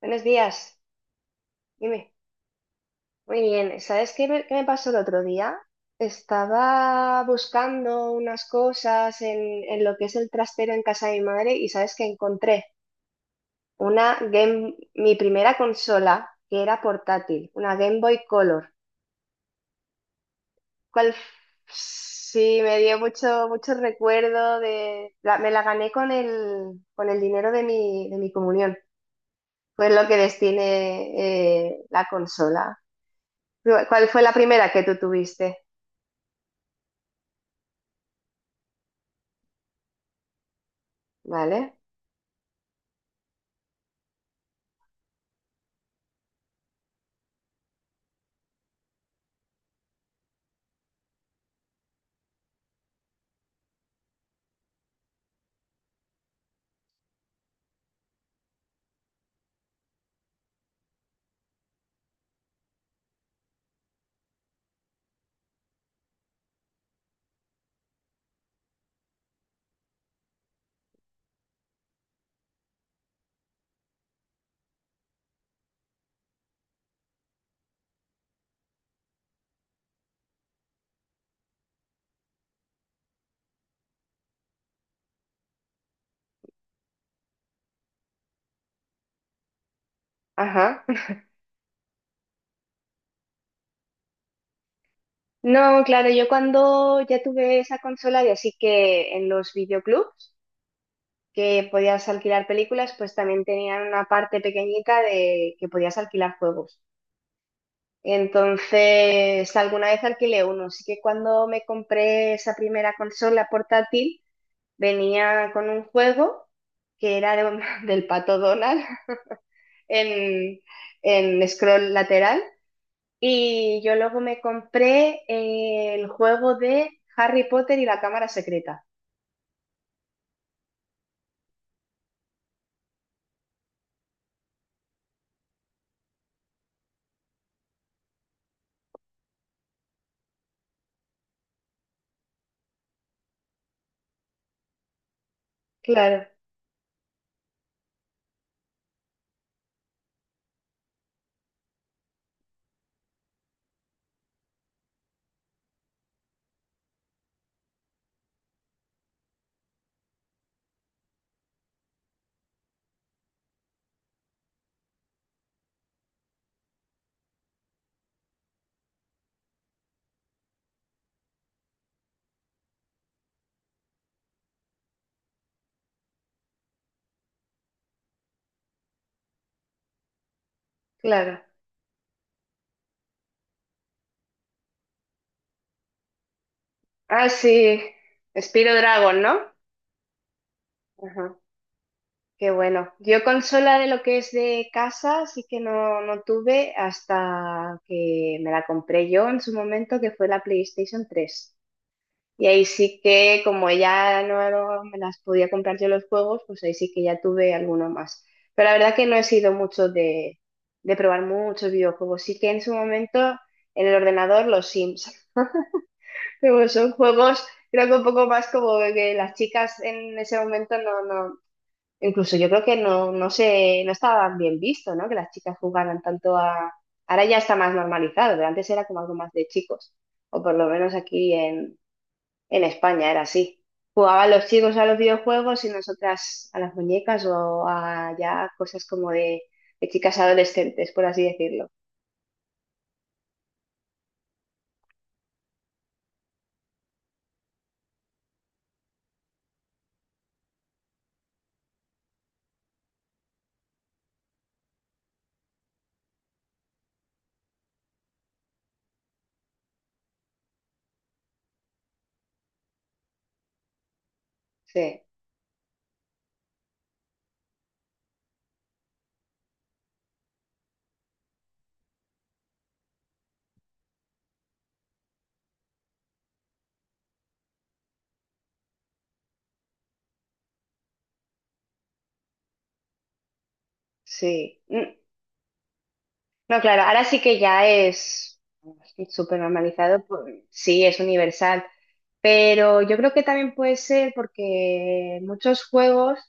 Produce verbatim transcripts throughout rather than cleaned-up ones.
Buenos días, dime. Muy bien, ¿sabes qué me, qué me pasó el otro día? Estaba buscando unas cosas en, en lo que es el trastero en casa de mi madre y sabes que encontré una Game, mi primera consola que era portátil, una Game Boy Color. ¿Cuál? Sí me dio mucho, mucho recuerdo de, la- me la gané con el, con el dinero de mi, de mi comunión, fue lo que destiné eh, la consola. ¿Cuál fue la primera que tú tuviste? Vale. Ajá. No, claro, yo cuando ya tuve esa consola y así que en los videoclubs que podías alquilar películas, pues también tenían una parte pequeñita de que podías alquilar juegos. Entonces, alguna vez alquilé uno. Así que cuando me compré esa primera consola portátil, venía con un juego que era de un- del Pato Donald en, en scroll lateral. Y yo luego me compré eh, el juego de Harry Potter y la Cámara Secreta. Claro, claro. Ah, sí. Spyro Dragon, ¿no? Ajá. Qué bueno. Yo consola de lo que es de casa, sí que no, no tuve hasta que me la compré yo en su momento, que fue la PlayStation tres. Y ahí sí que, como ya no me las podía comprar yo los juegos, pues ahí sí que ya tuve alguno más. Pero la verdad que no he sido mucho de, de probar muchos videojuegos. Sí que en su momento en el ordenador los Sims. Pero son juegos, creo que un poco más como que las chicas en ese momento no, no, incluso yo creo que no, no sé, no estaban bien visto, ¿no? Que las chicas jugaran tanto a... Ahora ya está más normalizado, pero antes era como algo más de chicos, o por lo menos aquí en, en España era así. Jugaban los chicos a los videojuegos y nosotras a las muñecas o a ya cosas como de, de chicas adolescentes, por así decirlo. Sí, sí. Mm. No, claro, ahora sí que ya es súper normalizado, pues, sí, es universal, pero yo creo que también puede ser porque muchos juegos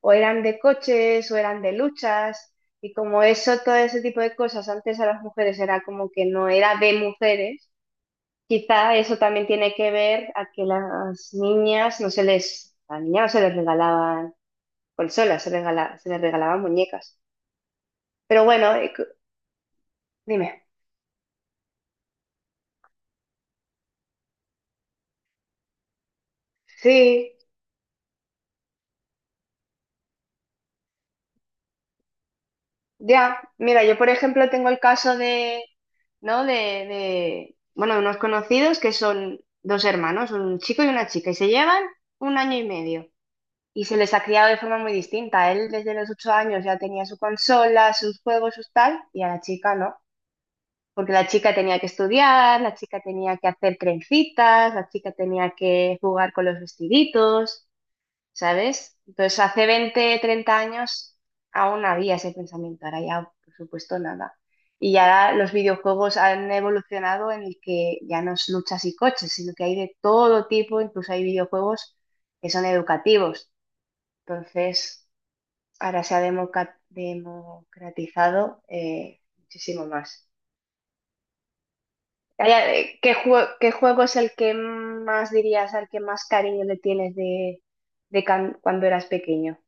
o eran de coches o eran de luchas y como eso, todo ese tipo de cosas antes a las mujeres era como que no era de mujeres. Quizá eso también tiene que ver a que las niñas no se les, a las niñas no se les regalaban consolas, se les regala- se les regalaban muñecas. Pero bueno, eh, cu- dime. Sí, ya. Mira, yo por ejemplo tengo el caso de, ¿no? De, de, bueno, de unos conocidos que son dos hermanos, un chico y una chica, y se llevan un año y medio. Y se les ha criado de forma muy distinta. Él desde los ocho años ya tenía su consola, sus juegos, sus tal, y a la chica no, porque la chica tenía que estudiar, la chica tenía que hacer trencitas, la chica tenía que jugar con los vestiditos, ¿sabes? Entonces hace veinte, treinta años aún había ese pensamiento, ahora ya por supuesto nada. Y ya los videojuegos han evolucionado en el que ya no es luchas y coches, sino que hay de todo tipo, incluso hay videojuegos que son educativos. Entonces, ahora se ha democa- democratizado eh, muchísimo más. Calla, eh, ¿Qué juego, qué juego es el que más dirías, al que más cariño le tienes de, de can- cuando eras pequeño?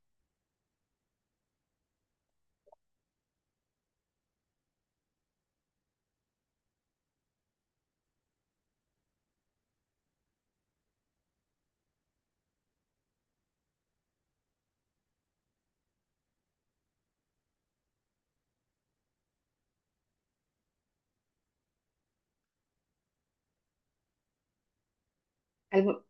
Algu-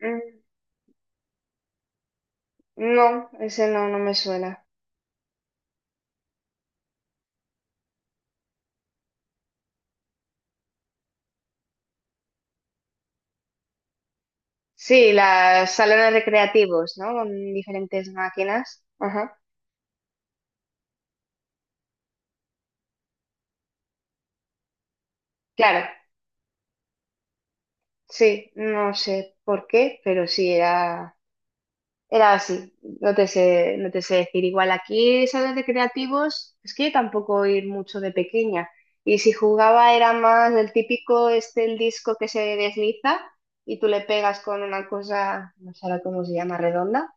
Mm. No, ese no, no me suena. Sí, los salones recreativos, ¿no? Con diferentes máquinas. Ajá. Claro, sí, no sé por qué, pero sí era. Era así, no te sé, no te sé decir. Igual aquí salones de creativos, es que yo tampoco ir mucho de pequeña. Y si jugaba era más el típico, este, el disco que se desliza y tú le pegas con una cosa, no sé ahora cómo se llama, redonda.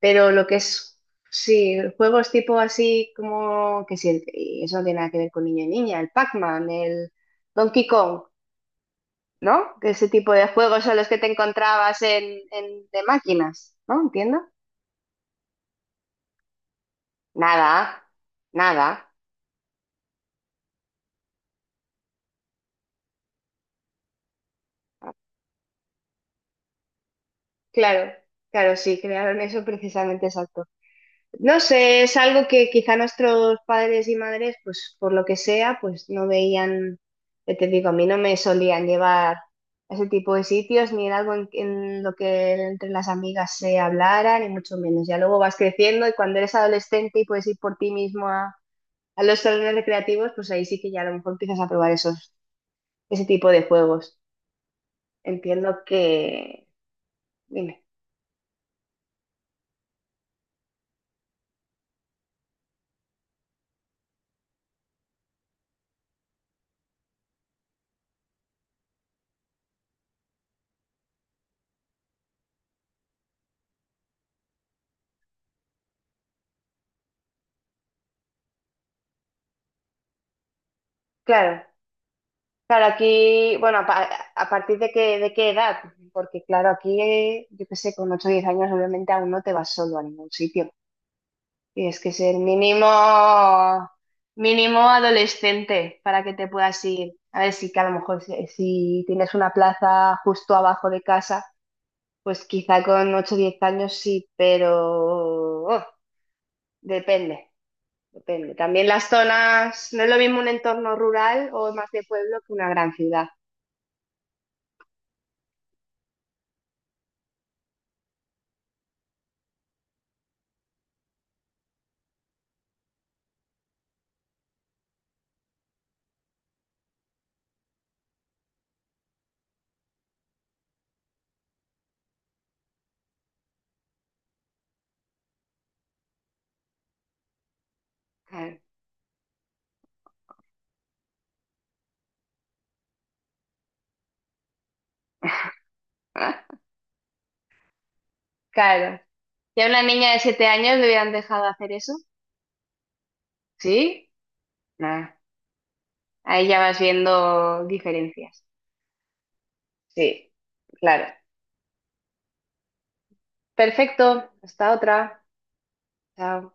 Pero lo que es, sí, juegos tipo así como, que sí, el- y eso no tiene nada que ver con niño y niña, el Pac-Man, el Donkey Kong, ¿no? Que ese tipo de juegos son los que te encontrabas en, en- de máquinas, ¿no? Entiendo. Nada, nada. Claro, claro, sí, crearon eso precisamente, exacto. No sé, es algo que quizá nuestros padres y madres, pues por lo que sea, pues no veían, ya te digo, a mí no me solían llevar a ese tipo de sitios, ni era algo en, en lo que entre las amigas se hablara, ni mucho menos. Ya luego vas creciendo y cuando eres adolescente y puedes ir por ti mismo a, a los salones recreativos, pues ahí sí que ya a lo mejor empiezas a probar esos, ese tipo de juegos. Entiendo que... Dime. Claro, claro, aquí, bueno, a, pa- a partir de qué, de qué edad, porque claro, aquí, eh, yo qué sé, con ocho o 10 años obviamente aún no te vas solo a ningún sitio. Tienes que ser mínimo, mínimo adolescente para que te puedas ir. A ver, sí que a lo mejor si, si tienes una plaza justo abajo de casa, pues quizá con ocho o 10 años sí, pero oh, depende, depende. También las zonas, no es lo mismo un entorno rural o más de pueblo que una gran ciudad. Claro. Claro. Si a una niña de siete años le hubieran dejado hacer eso, ¿sí? Ah, ahí ya vas viendo diferencias. Sí, claro. Perfecto. Hasta otra. Chao.